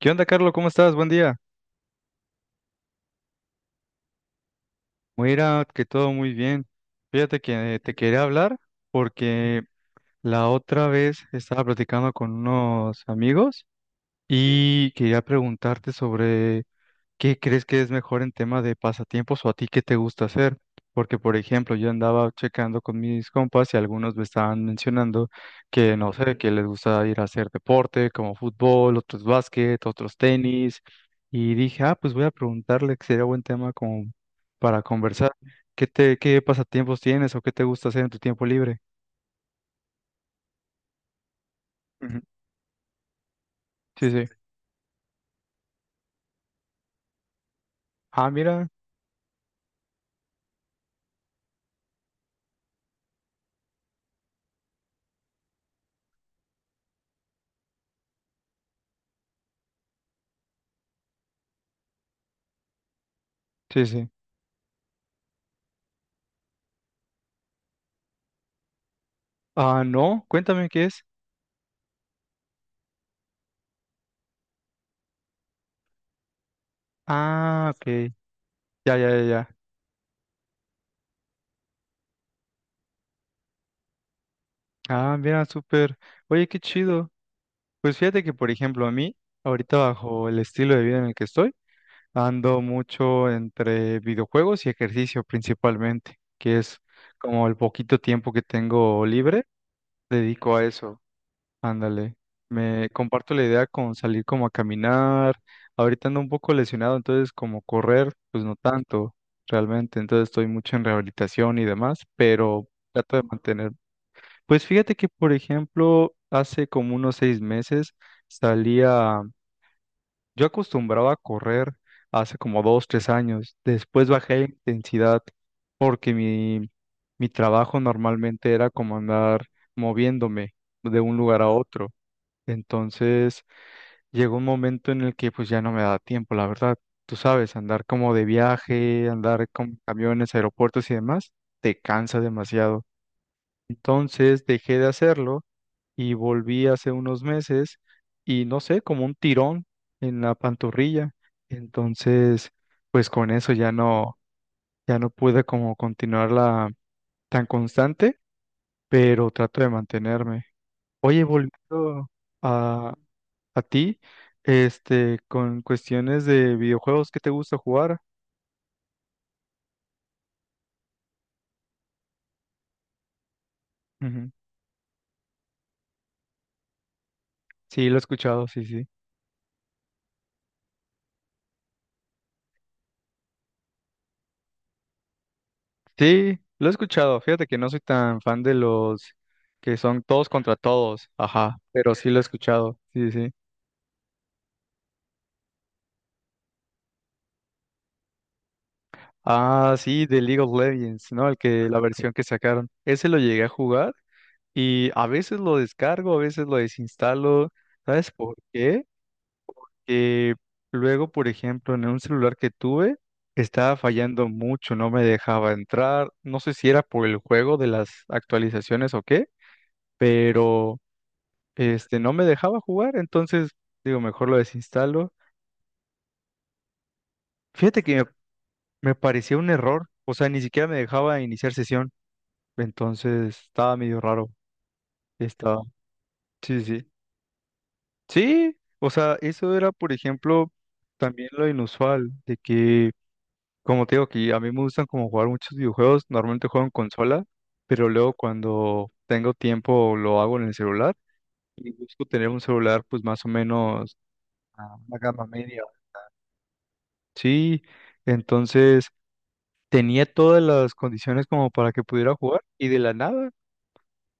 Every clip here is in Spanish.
¿Qué onda, Carlos? ¿Cómo estás? Buen día. Mira, que todo muy bien. Fíjate que te quería hablar porque la otra vez estaba platicando con unos amigos y quería preguntarte sobre, ¿qué crees que es mejor en tema de pasatiempos, o a ti qué te gusta hacer? Porque, por ejemplo, yo andaba checando con mis compas y algunos me estaban mencionando que, no sé, que les gusta ir a hacer deporte como fútbol, otros básquet, otros tenis. Y dije, ah, pues voy a preguntarle, que sería buen tema como para conversar. ¿Qué te, qué pasatiempos tienes o qué te gusta hacer en tu tiempo libre? Ujú, sí, sí. Ah, mira, sí, sí. Ah, no, cuéntame qué es. Ah, ok. Ya, ya, ya, ya. Ah, mira, súper. Oye, qué chido. Pues fíjate que, por ejemplo, a mí, ahorita, bajo el estilo de vida en el que estoy, ando mucho entre videojuegos y ejercicio principalmente, que es como el poquito tiempo que tengo libre, dedico a eso. Ándale. Me comparto la idea con salir como a caminar. Ahorita ando un poco lesionado, entonces como correr, pues no tanto realmente. Entonces estoy mucho en rehabilitación y demás, pero trato de mantenerme. Pues fíjate que, por ejemplo, hace como unos 6 meses salía, yo acostumbraba a correr hace como 2, 3 años, después bajé la intensidad porque mi trabajo normalmente era como andar moviéndome de un lugar a otro. Entonces llegó un momento en el que pues ya no me da tiempo, la verdad. Tú sabes, andar como de viaje, andar con camiones, aeropuertos y demás, te cansa demasiado. Entonces dejé de hacerlo y volví hace unos meses y no sé, como un tirón en la pantorrilla. Entonces, pues con eso ya no pude como continuarla tan constante, pero trato de mantenerme. Oye, volviendo a, a, ti, este, con cuestiones de videojuegos, ¿qué te gusta jugar? Ujú. Sí, lo he escuchado, sí, sí. Sí, lo he escuchado. Fíjate que no soy tan fan de los que son todos contra todos, ajá, pero sí lo he escuchado, sí, sí. Ah, sí, de League of Legends, ¿no? El que, la versión que sacaron. Ese lo llegué a jugar y a veces lo descargo, a veces lo desinstalo. ¿Sabes por qué? Que luego, por ejemplo, en un celular que tuve, estaba fallando mucho, no me dejaba entrar. No sé si era por el juego de las actualizaciones o qué, pero este no me dejaba jugar, entonces digo, mejor lo desinstalo. Fíjate que me parecía un error, o sea, ni siquiera me dejaba iniciar sesión. Entonces estaba medio raro. Estaba. Sí, sí. Sí, sí, o sea, eso era, por ejemplo, también lo inusual, de que, como te digo, que a mí me gustan como jugar muchos videojuegos, normalmente juego en consola, pero luego cuando tengo tiempo lo hago en el celular y busco tener un celular pues más o menos a una gama media. Sí, entonces tenía todas las condiciones como para que pudiera jugar y de la nada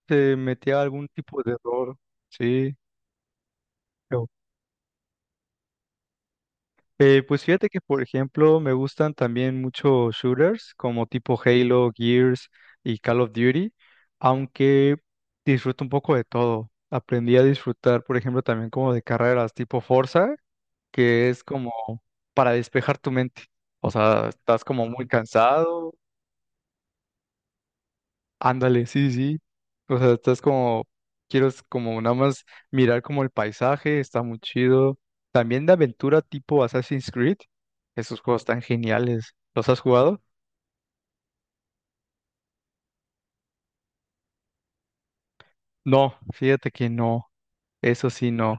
se metía algún tipo de error. Sí. Pues fíjate que, por ejemplo, me gustan también mucho shooters como tipo Halo, Gears y Call of Duty, aunque disfruto un poco de todo. Aprendí a disfrutar, por ejemplo, también como de carreras tipo Forza, que es como para despejar tu mente. O sea, estás como muy cansado. Ándale, sí, sí, sí. O sea, estás como, quiero es como nada más mirar como el paisaje, está muy chido. También de aventura tipo Assassin's Creed, esos juegos tan geniales. ¿Los has jugado? No, fíjate que no, eso sí no.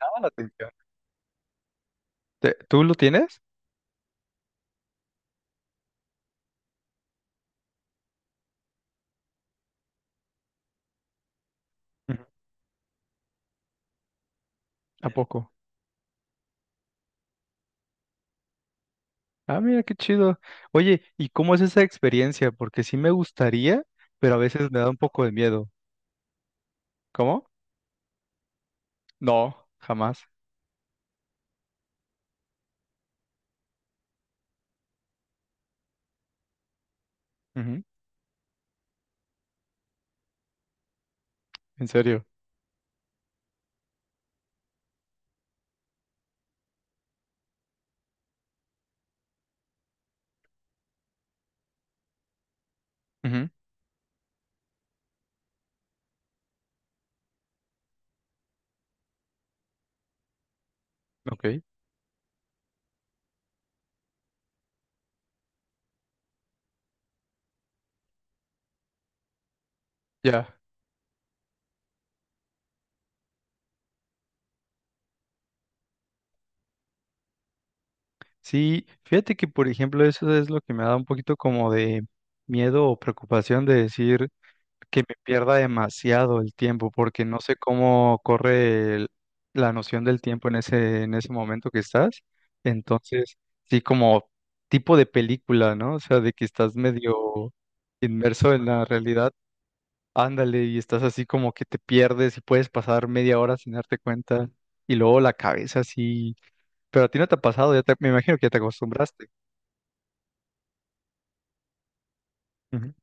Llama la atención. ¿Tú lo tienes? Ujú. ¿A sí, poco? Ah, mira qué chido. Oye, ¿y cómo es esa experiencia? Porque sí me gustaría, pero a veces me da un poco de miedo. ¿Cómo? No, jamás. Ujú, en serio. Ujú, ok, ya. Sí, fíjate que por ejemplo eso es lo que me da un poquito como de miedo o preocupación de decir que me pierda demasiado el tiempo porque no sé cómo corre la noción del tiempo en ese momento que estás. Entonces, sí como tipo de película, ¿no? O sea, de que estás medio inmerso en la realidad. Ándale, y estás así como que te pierdes y puedes pasar media hora sin darte cuenta y luego la cabeza así, pero a ti no te ha pasado, me imagino que ya te acostumbraste. Ujú.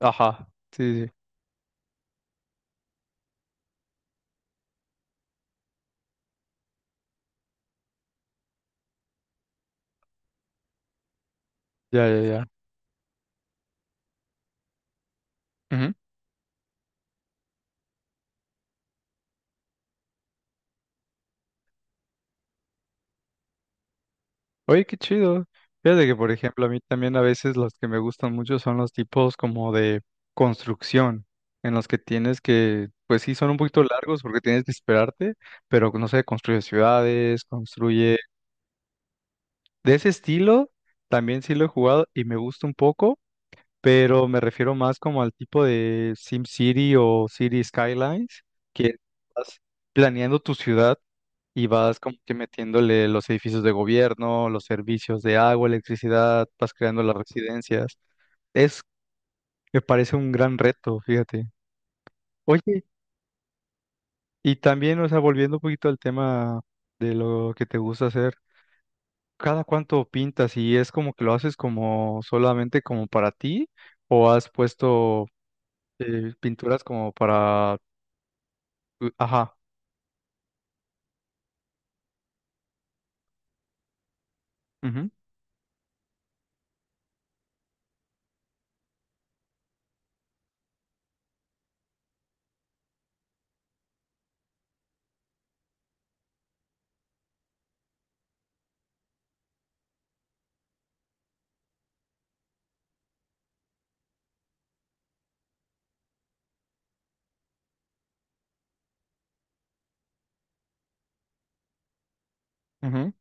Ajá, sí, sí, ya, ya, ya. Ujú. Oye, qué chido. Fíjate que, por ejemplo, a mí también a veces los que me gustan mucho son los tipos como de construcción, en los que tienes que, pues sí, son un poquito largos porque tienes que esperarte, pero no sé, construye ciudades, construye... De ese estilo, también sí lo he jugado y me gusta un poco, pero me refiero más como al tipo de SimCity o City Skylines, que estás planeando tu ciudad y vas como que metiéndole los edificios de gobierno, los servicios de agua, electricidad, vas creando las residencias. Es, me parece un gran reto, fíjate. Oye, y también, o sea, volviendo un poquito al tema de lo que te gusta hacer, ¿cada cuánto pintas? ¿Y es como que lo haces como solamente como para ti? ¿O has puesto pinturas como para... Ajá. Ujú, ujú.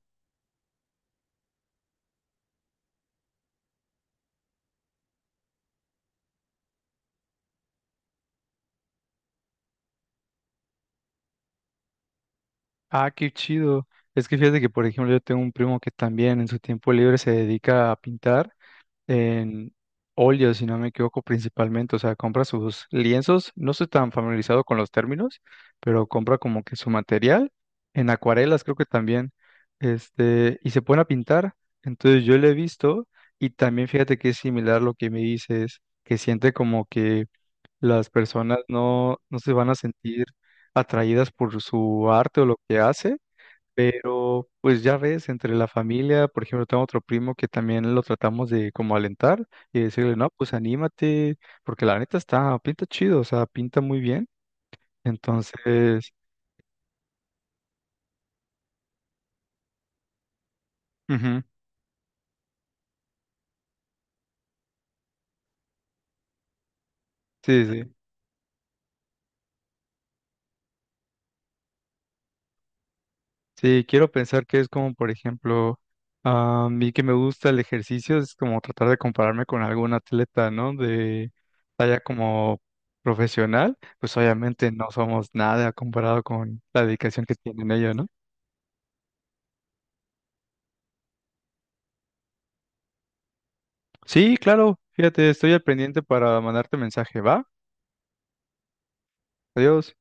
Ah, qué chido. Es que fíjate que, por ejemplo, yo tengo un primo que también en su tiempo libre se dedica a pintar en óleo, si no me equivoco, principalmente. O sea, compra sus lienzos. No estoy tan familiarizado con los términos, pero compra como que su material en acuarelas, creo que también. Este, y se pone a pintar. Entonces yo lo he visto y también fíjate que es similar lo que me dices, que siente como que las personas no se van a sentir atraídas por su arte o lo que hace, pero pues ya ves, entre la familia, por ejemplo, tengo otro primo que también lo tratamos de como alentar y decirle, no, pues anímate, porque la neta está, pinta chido, o sea, pinta muy bien. Entonces, ujú, sí, sí, sí, quiero pensar que es como, por ejemplo, a mí que me gusta el ejercicio, es como tratar de compararme con algún atleta, ¿no? De talla como profesional, pues obviamente no somos nada comparado con la dedicación que tienen ellos, ¿no? Sí, claro, fíjate, estoy al pendiente para mandarte mensaje, ¿va? Adiós.